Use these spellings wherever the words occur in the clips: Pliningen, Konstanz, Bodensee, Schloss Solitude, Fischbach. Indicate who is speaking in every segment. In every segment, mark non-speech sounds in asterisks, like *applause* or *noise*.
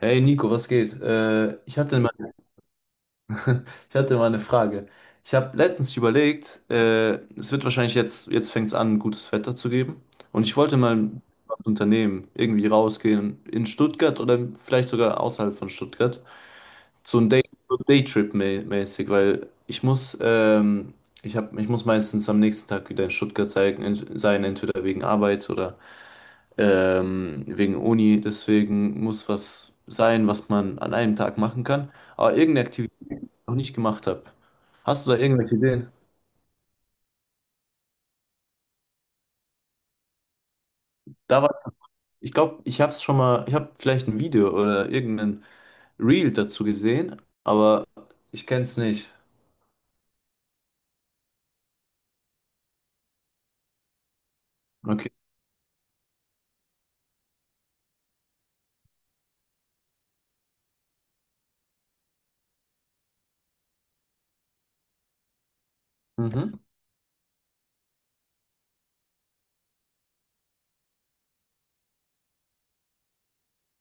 Speaker 1: Hey Nico, was geht? Ich hatte mal eine Frage. Ich habe letztens überlegt, es wird wahrscheinlich jetzt fängt es an, gutes Wetter zu geben. Und ich wollte mal was unternehmen, irgendwie rausgehen in Stuttgart oder vielleicht sogar außerhalb von Stuttgart. So ein Day, so Daytrip-mäßig, weil ich muss meistens am nächsten Tag wieder in Stuttgart sein, entweder wegen Arbeit oder wegen Uni. Deswegen muss was sein, was man an einem Tag machen kann. Aber irgendeine Aktivität, die ich noch nicht gemacht habe. Hast du da irgendwelche Ideen? Da war, ich glaube, ich habe es schon mal, ich habe vielleicht ein Video oder irgendein Reel dazu gesehen, aber ich kenne es nicht. Okay. Mhm.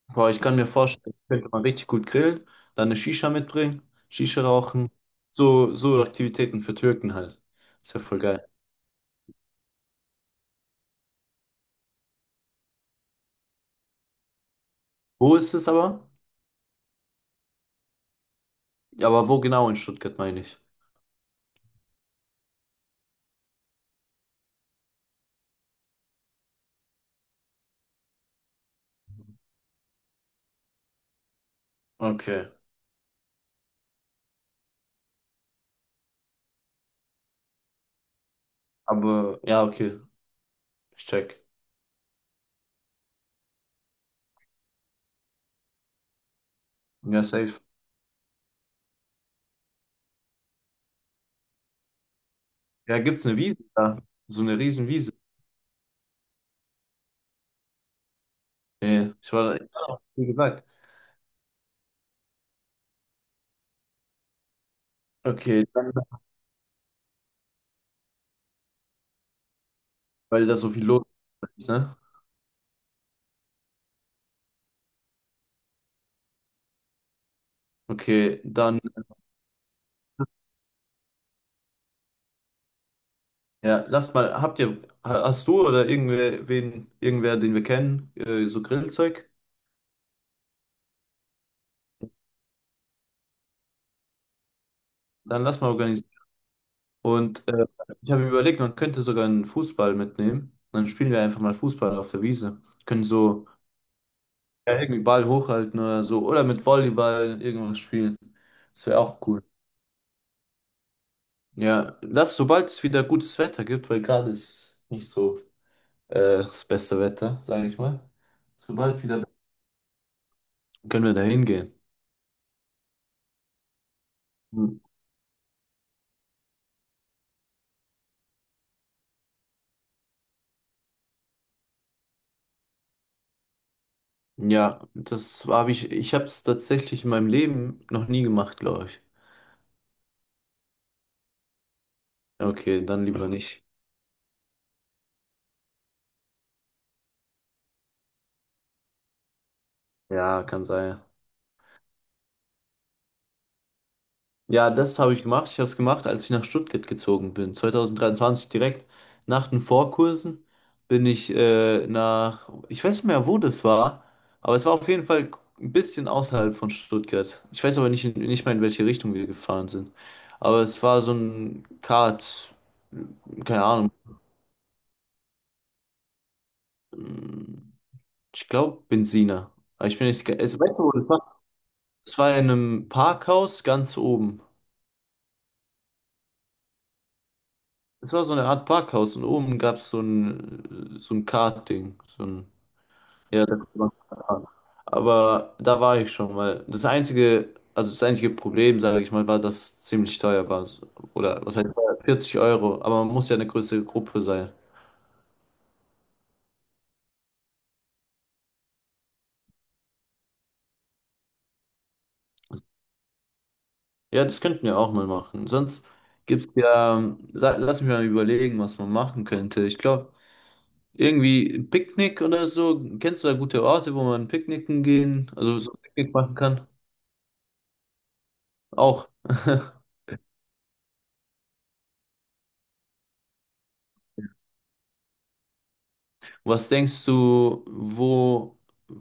Speaker 1: Aber ich kann mir vorstellen, ich könnte mal richtig gut grillen, dann eine Shisha mitbringen, Shisha rauchen, so Aktivitäten für Türken halt. Ist ja voll geil. Wo ist es aber? Ja, aber wo genau in Stuttgart meine ich? Okay. Aber ja, okay. Ich check. Ja, safe. Ja, gibt's eine Wiese da? So eine riesen Wiese. Nee, ich war da, ja, wie gesagt. Okay, dann, weil da so viel los ist, ne? Okay, dann, ja, lass mal, habt ihr, hast du oder irgendwer, den wir kennen, so Grillzeug? Dann lass mal organisieren. Und ich habe mir überlegt, man könnte sogar einen Fußball mitnehmen. Dann spielen wir einfach mal Fußball auf der Wiese. Können so. Ja, irgendwie Ball hochhalten oder so. Oder mit Volleyball irgendwas spielen. Das wäre auch cool. Ja, lass, sobald es wieder gutes Wetter gibt, weil gerade ist nicht so das beste Wetter, sage ich mal. Sobald es wieder, können wir da hingehen. Hm. Ja, ich habe es tatsächlich in meinem Leben noch nie gemacht, glaube ich. Okay, dann lieber nicht. Ja, kann sein. Ja, das habe ich gemacht. Ich habe es gemacht, als ich nach Stuttgart gezogen bin. 2023 direkt nach den Vorkursen bin ich ich weiß nicht mehr, wo das war, aber es war auf jeden Fall ein bisschen außerhalb von Stuttgart. Ich weiß aber nicht, in welche Richtung wir gefahren sind. Aber es war so ein Kart, keine Ahnung, ich glaube Benziner. Aber ich bin nicht, es, weißt du, wo das war? Es war in einem Parkhaus ganz oben. Es war so eine Art Parkhaus und oben gab es so ein Kartding. Ja, da konnte man fahren. Aber da war ich schon, weil also das einzige Problem, sage ich mal, war, dass es ziemlich teuer war. Oder was heißt teuer? 40 Euro, aber man muss ja eine größere Gruppe sein. Ja, das könnten wir auch mal machen. Sonst gibt's ja, lass mich mal überlegen, was man machen könnte. Ich glaube, irgendwie ein Picknick oder so. Kennst du da gute Orte, wo man picknicken gehen, also so ein Picknick machen kann? Auch. *laughs* Was denkst du, wo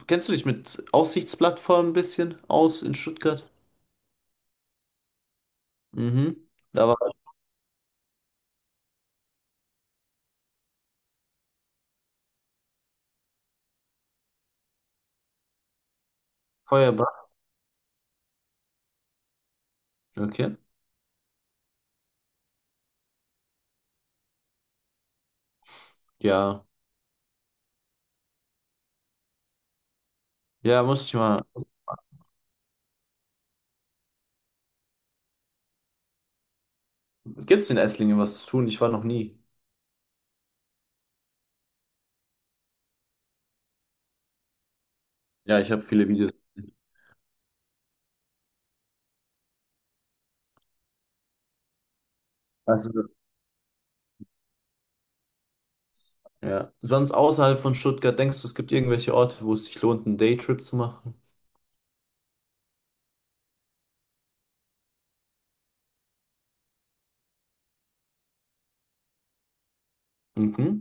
Speaker 1: kennst du dich mit Aussichtsplattformen ein bisschen aus in Stuttgart? Mhm. Da war Feuerbach. Okay. Ja. Ja, muss ich mal. Gibt's in Esslingen was zu tun? Ich war noch nie. Ja, ich habe viele Videos gesehen. Also, ja. Sonst außerhalb von Stuttgart, denkst du, es gibt irgendwelche Orte, wo es sich lohnt, einen Daytrip zu machen? Mhm.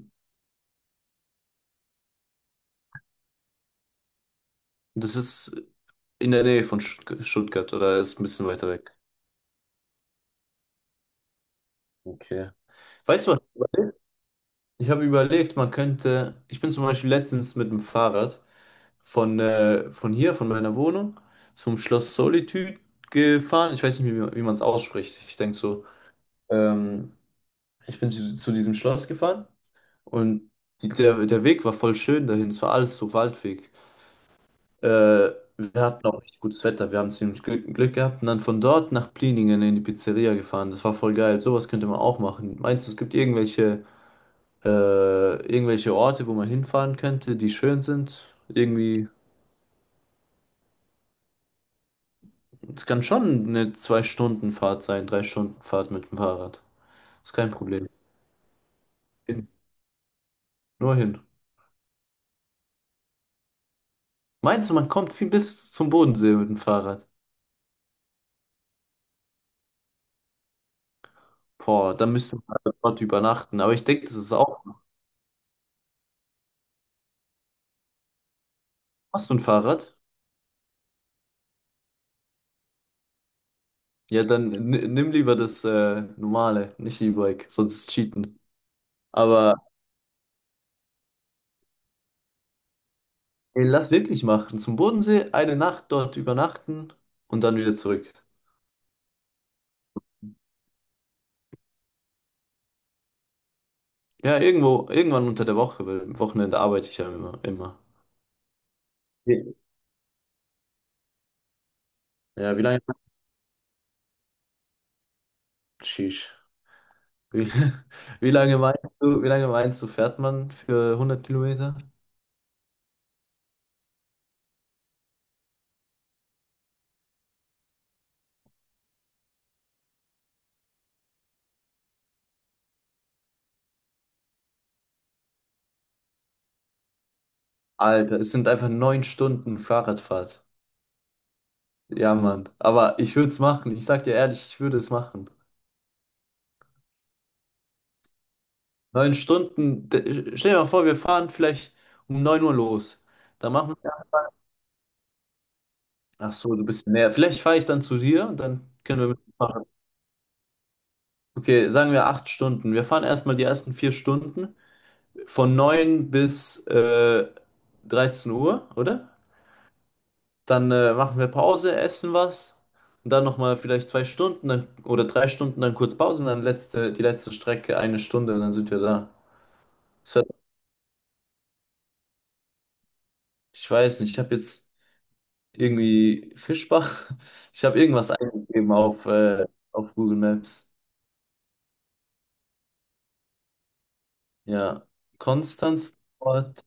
Speaker 1: Das ist in der Nähe von Stuttgart oder ist ein bisschen weiter weg? Okay. Weißt du was? Ich habe überlegt, man könnte, ich bin zum Beispiel letztens mit dem Fahrrad von hier, von meiner Wohnung, zum Schloss Solitude gefahren. Ich weiß nicht, wie man es ausspricht. Ich denke so, ähm, ich bin zu diesem Schloss gefahren und der Weg war voll schön dahin. Es war alles so Waldweg. Äh, wir hatten auch richtig gutes Wetter. Wir haben ziemlich Glück gehabt und dann von dort nach Pliningen in die Pizzeria gefahren. Das war voll geil. Sowas könnte man auch machen. Meinst du, es gibt irgendwelche irgendwelche Orte, wo man hinfahren könnte, die schön sind. Irgendwie, es kann schon eine Zwei-Stunden-Fahrt sein, Drei-Stunden-Fahrt mit dem Fahrrad. Ist kein Problem. Hin. Nur hin. Meinst du, man kommt viel bis zum Bodensee mit dem Fahrrad? Boah, dann müsste man dort übernachten. Aber ich denke, das ist auch. Hast du ein Fahrrad? Ja, dann nimm lieber das normale, nicht E-Bike, sonst ist Cheaten. Aber ey, lass wirklich machen. Zum Bodensee, eine Nacht dort übernachten und dann wieder zurück. Ja, irgendwo, irgendwann unter der Woche, weil am Wochenende arbeite ich ja immer. Ja, wie lange, sheesh. Wie, *laughs* wie lange meinst du, fährt man für 100 Kilometer? Alter, es sind einfach 9 Stunden Fahrradfahrt. Ja, Mann. Aber ich würde es machen. Ich sag dir ehrlich, ich würde es machen. 9 Stunden. Stell dir mal vor, wir fahren vielleicht um 9 Uhr los. Dann machen wir. Ach so, du bist näher. Vielleicht fahre ich dann zu dir und dann können wir mitmachen. Okay, sagen wir 8 Stunden. Wir fahren erstmal die ersten 4 Stunden. Von 9 bis 13 Uhr, oder? Dann machen wir Pause, essen was und dann nochmal vielleicht 2 Stunden dann, oder 3 Stunden, dann kurz Pause und dann letzte, die letzte Strecke eine Stunde und dann sind wir da. Das hat, ich weiß nicht, ich habe jetzt irgendwie Fischbach, *laughs* ich habe irgendwas eingegeben auf Google Maps. Ja, Konstanz, Ort,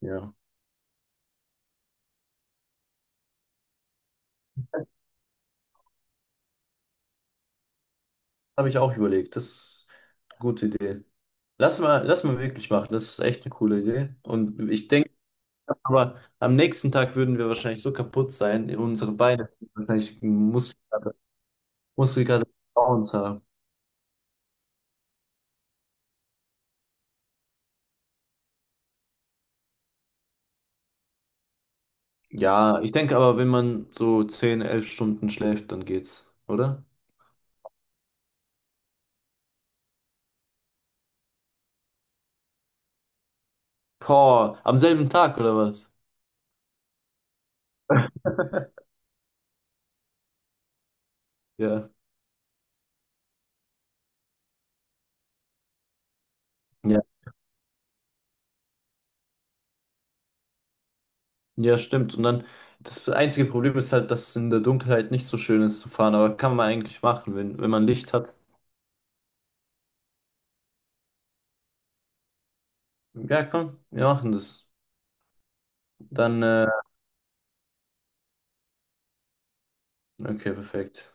Speaker 1: ja, habe ich auch überlegt, das ist eine gute Idee. Lass mal wirklich machen, das ist echt eine coole Idee und ich denke, aber am nächsten Tag würden wir wahrscheinlich so kaputt sein, in unsere Beine wahrscheinlich Muskelkater, Muskelkater bei uns haben. Ja, ich denke aber, wenn man so 10, 11 Stunden schläft, dann geht's, oder? Boah, am selben Tag oder was? Ja, ja, ja, stimmt. Und dann, das einzige Problem ist halt, dass es in der Dunkelheit nicht so schön ist zu fahren, aber kann man eigentlich machen, wenn, man Licht hat. Ja, komm, wir machen das. Dann, okay, perfekt.